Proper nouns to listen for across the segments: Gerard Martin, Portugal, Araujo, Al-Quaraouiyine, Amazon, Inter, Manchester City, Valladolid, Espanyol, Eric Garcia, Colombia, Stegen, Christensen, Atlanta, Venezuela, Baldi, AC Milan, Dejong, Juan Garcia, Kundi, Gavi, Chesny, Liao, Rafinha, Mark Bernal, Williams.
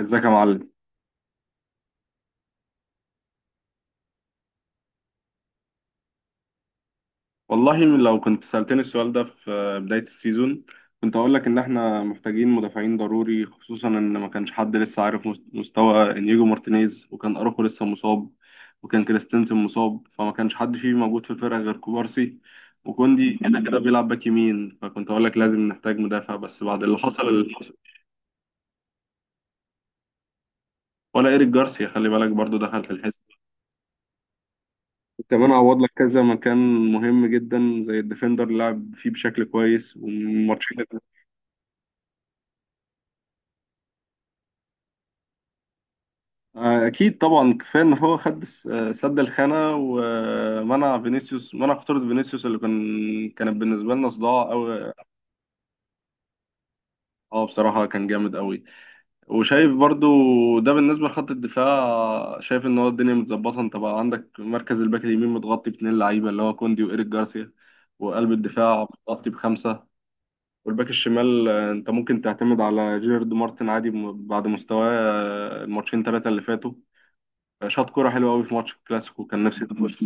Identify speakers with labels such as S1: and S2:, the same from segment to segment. S1: ازيك يا معلم. والله لو كنت سألتني السؤال ده في بداية السيزون كنت هقول لك ان احنا محتاجين مدافعين ضروري، خصوصا ان ما كانش حد لسه عارف مستوى انيجو مارتينيز، وكان اروخو لسه مصاب وكان كريستنسن مصاب، فما كانش حد فيه موجود في الفرقة غير كوبارسي، وكوندي كده كده بيلعب باك يمين، فكنت هقول لك لازم نحتاج مدافع. بس بعد اللي حصل اللي حصل ولا ايريك جارسيا، خلي بالك برضو دخل في الحسبة، كمان عوض لك كذا مكان مهم جدا زي الديفندر اللي لعب فيه بشكل كويس والماتشين. اكيد طبعا كفايه ان هو خد سد الخانه ومنع فينيسيوس، منع خطوره فينيسيوس اللي كان، كانت بالنسبه لنا صداع قوي. اه بصراحه كان جامد قوي. وشايف برضو ده بالنسبه لخط الدفاع، شايف ان هو الدنيا متظبطه. انت بقى عندك مركز الباك اليمين متغطي باتنين لعيبه اللي هو كوندي وايريك جارسيا، وقلب الدفاع متغطي بخمسه، والباك الشمال انت ممكن تعتمد على جيرارد مارتن عادي بعد مستواه الماتشين ثلاثه اللي فاتوا. شاط كرة حلوة أوي في ماتش الكلاسيكو، كان نفسي تخش.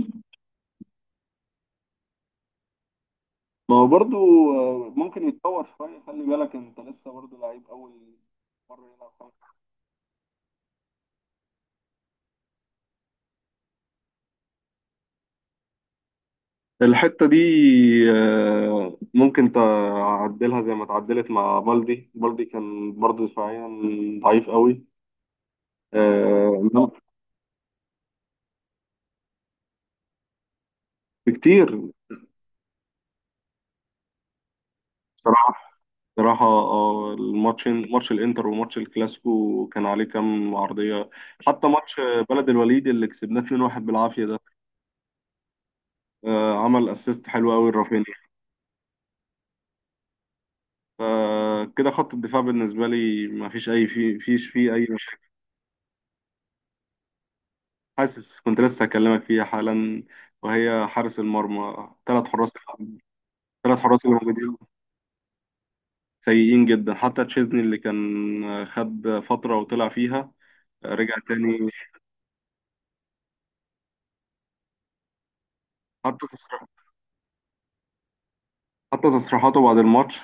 S1: ما هو برضو ممكن يتطور شوية، خلي بالك انت لسه برضو لعيب أول مرة يلعب خمس. الحتة دي ممكن تعدلها زي ما اتعدلت مع بالدي. بالدي كان برضه دفاعيا ضعيف قوي، إنما بكتير. بصراحة بصراحة الماتشين، ماتش الإنتر وماتش الكلاسيكو، كان عليه كام عرضية. حتى ماتش بلد الوليد اللي كسبناه 2-1 بالعافية ده عمل اسيست حلو قوي لرافينيا. فكده خط الدفاع بالنسبة لي ما فيش أي مشاكل. حاسس كنت لسه هكلمك فيها حالا، وهي حارس المرمى. 3 حراس، اللي موجودين سيئين جدا، حتى تشيزني اللي كان خد فترة وطلع فيها رجع تاني. حتى حتى تصريحاته بعد الماتش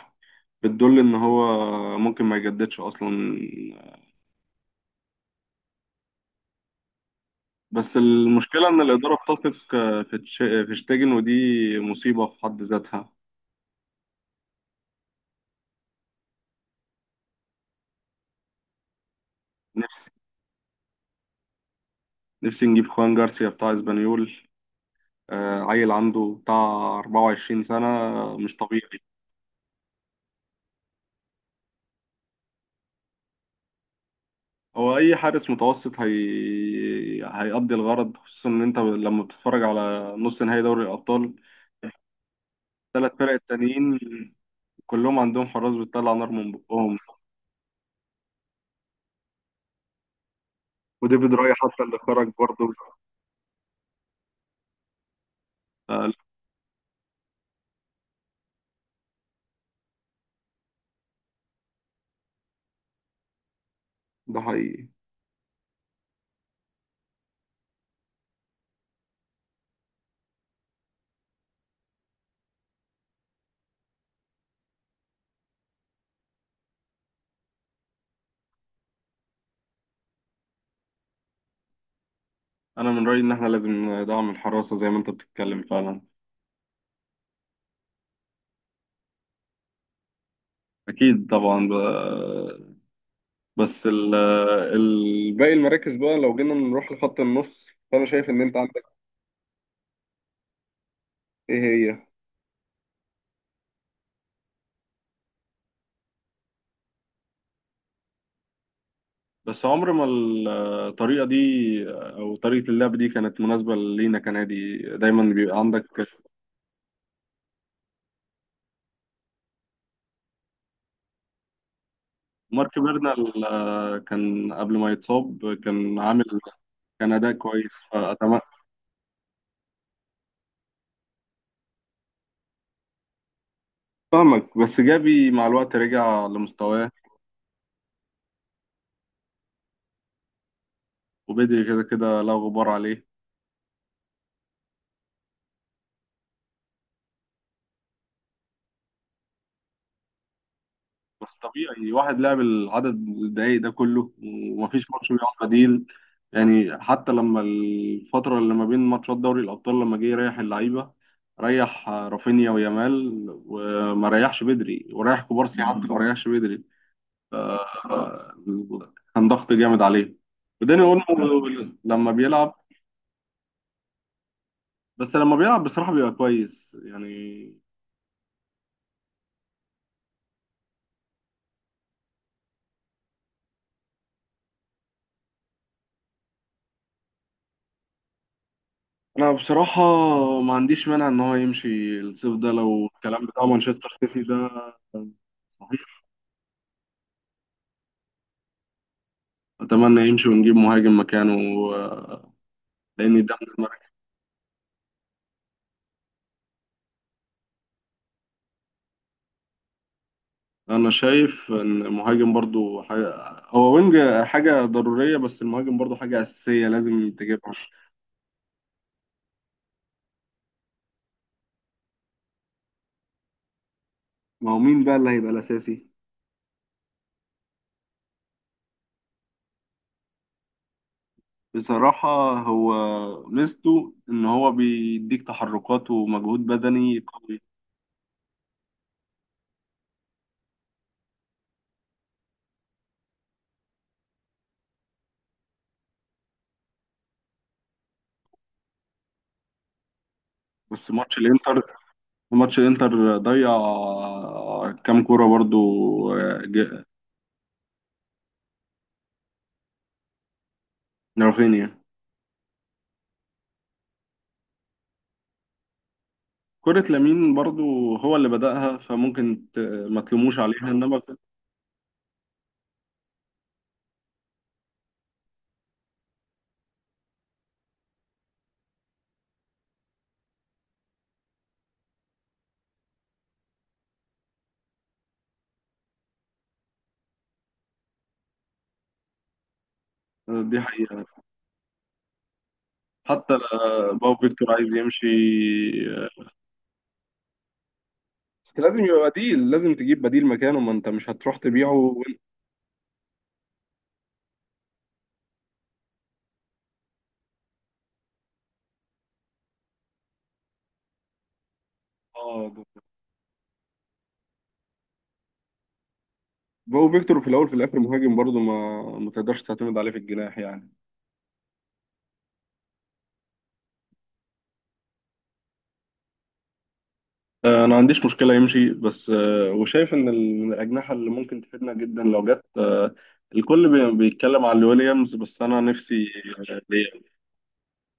S1: بتدل إن هو ممكن ما يجددش أصلا. بس المشكلة إن الإدارة بتثق في في شتيجن، ودي مصيبة في حد ذاتها. نفسي نجيب خوان جارسيا بتاع اسبانيول، عيل عنده بتاع 24 سنة، مش طبيعي. هو أي حارس متوسط هيأدي الغرض، خصوصا إن أنت لما بتتفرج على نص نهائي دوري الأبطال، الـ3 فرق التانيين كلهم عندهم حراس بتطلع نار من بقهم. وديفيد راي حتى اللي خرج برضه. آه، لا، ده حقيقي. أنا من رأيي إن إحنا لازم ندعم الحراسة زي ما أنت بتتكلم فعلا. أكيد طبعا بقى. بس باقي المراكز بقى، لو جينا نروح لخط النص، فانا شايف ان انت عندك. ايه هي؟ بس عمر ما الطريقه دي او طريقه اللعب دي كانت مناسبه لينا كنادي. دايما بيبقى عندك مارك بيرنال، كان قبل ما يتصاب كان عامل، كان اداء كويس، فاتمنى. فاهمك. بس جافي مع الوقت رجع لمستواه، وبدري كده كده لا غبار عليه. بس طبيعي واحد لعب العدد الدقايق ده كله ومفيش ماتش بيقعد بديل، يعني حتى لما الفترة اللي ما بين ماتشات دوري الأبطال لما جه يريح اللعيبة، ريح رافينيا ويامال وما ريحش بدري، وريح كوبارسي حتى ما ريحش بدري. آه، كان ضغط جامد عليه. وداني اولمو لما بيلعب، بس لما بيلعب بصراحة بيبقى كويس يعني. انا بصراحه ما عنديش مانع ان هو يمشي الصيف ده لو الكلام بتاع مانشستر سيتي ده صحيح. اتمنى يمشي ونجيب مهاجم مكانه، آه، لان ده من المركز. انا شايف ان المهاجم برضو حاجه، هو وينج، حاجه ضروريه، بس المهاجم برضو حاجه اساسيه لازم تجيبها. ما هو مين بقى اللي هيبقى الاساسي؟ بصراحه هو ميزته ان هو بيديك تحركات ومجهود بدني قوي. بس ماتش الانتر، ماتش الانتر ضيع كام كوره برضو، آه، ج- رافينيا. كرة لامين برضو هو اللي بدأها، فممكن ما تلوموش عليها انما. دي حقيقة. حتى باو فيكتور عايز يمشي. آه، بس لازم يبقى بديل، لازم تجيب بديل مكانه، ما انت مش هتروح تبيعه وانت. اه باو فيكتور في الاول في الاخر مهاجم، برضو ما تقدرش تعتمد عليه في الجناح يعني. انا ما عنديش مشكله يمشي بس. وشايف ان من الاجنحه اللي ممكن تفيدنا جدا لو جت. الكل بيتكلم على ويليامز بس انا نفسي لياو.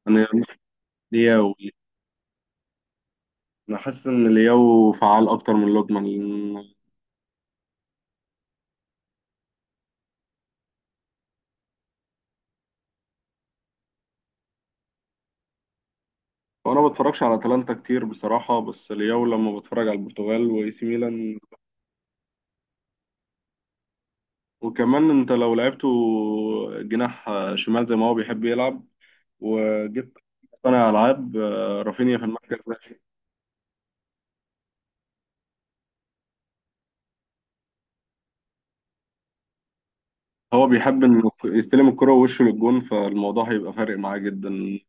S1: انا لياو. انا حاسس ان لياو فعال اكتر من لوكمان وانا ما بتفرجش على اتلانتا كتير بصراحه، بس لياو لما بتفرج على البرتغال واي سي ميلان. وكمان انت لو لعبته جناح شمال زي ما هو بيحب يلعب، وجبت صانع العاب رافينيا في المركز ده، هو بيحب انه يستلم الكرة ووشه للجون، فالموضوع هيبقى فارق معاه جدا.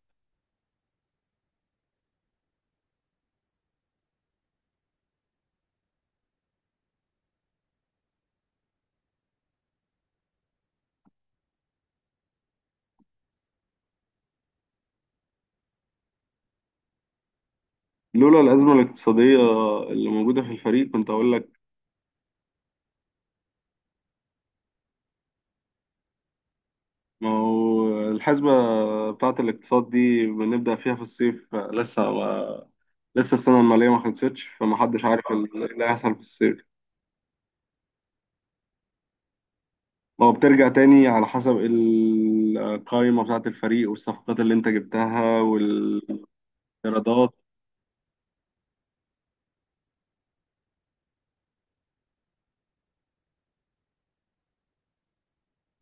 S1: لولا الأزمة الاقتصادية اللي موجودة في الفريق كنت أقول لك. ما هو الحسبة بتاعة الاقتصاد دي بنبدأ فيها في الصيف، لسه السنة المالية ما خلصتش، فمحدش عارف اللي هيحصل في الصيف. ما هو بترجع تاني على حسب القائمة بتاعة الفريق والصفقات اللي أنت جبتها والإيرادات.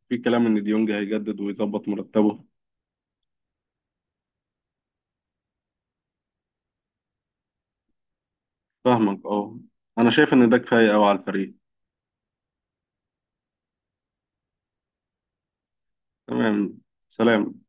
S1: في كلام إن ديونج هيجدد ويظبط مرتبه. فاهمك. أه، أنا شايف إن ده كفاية أوي على الفريق. تمام. سلام.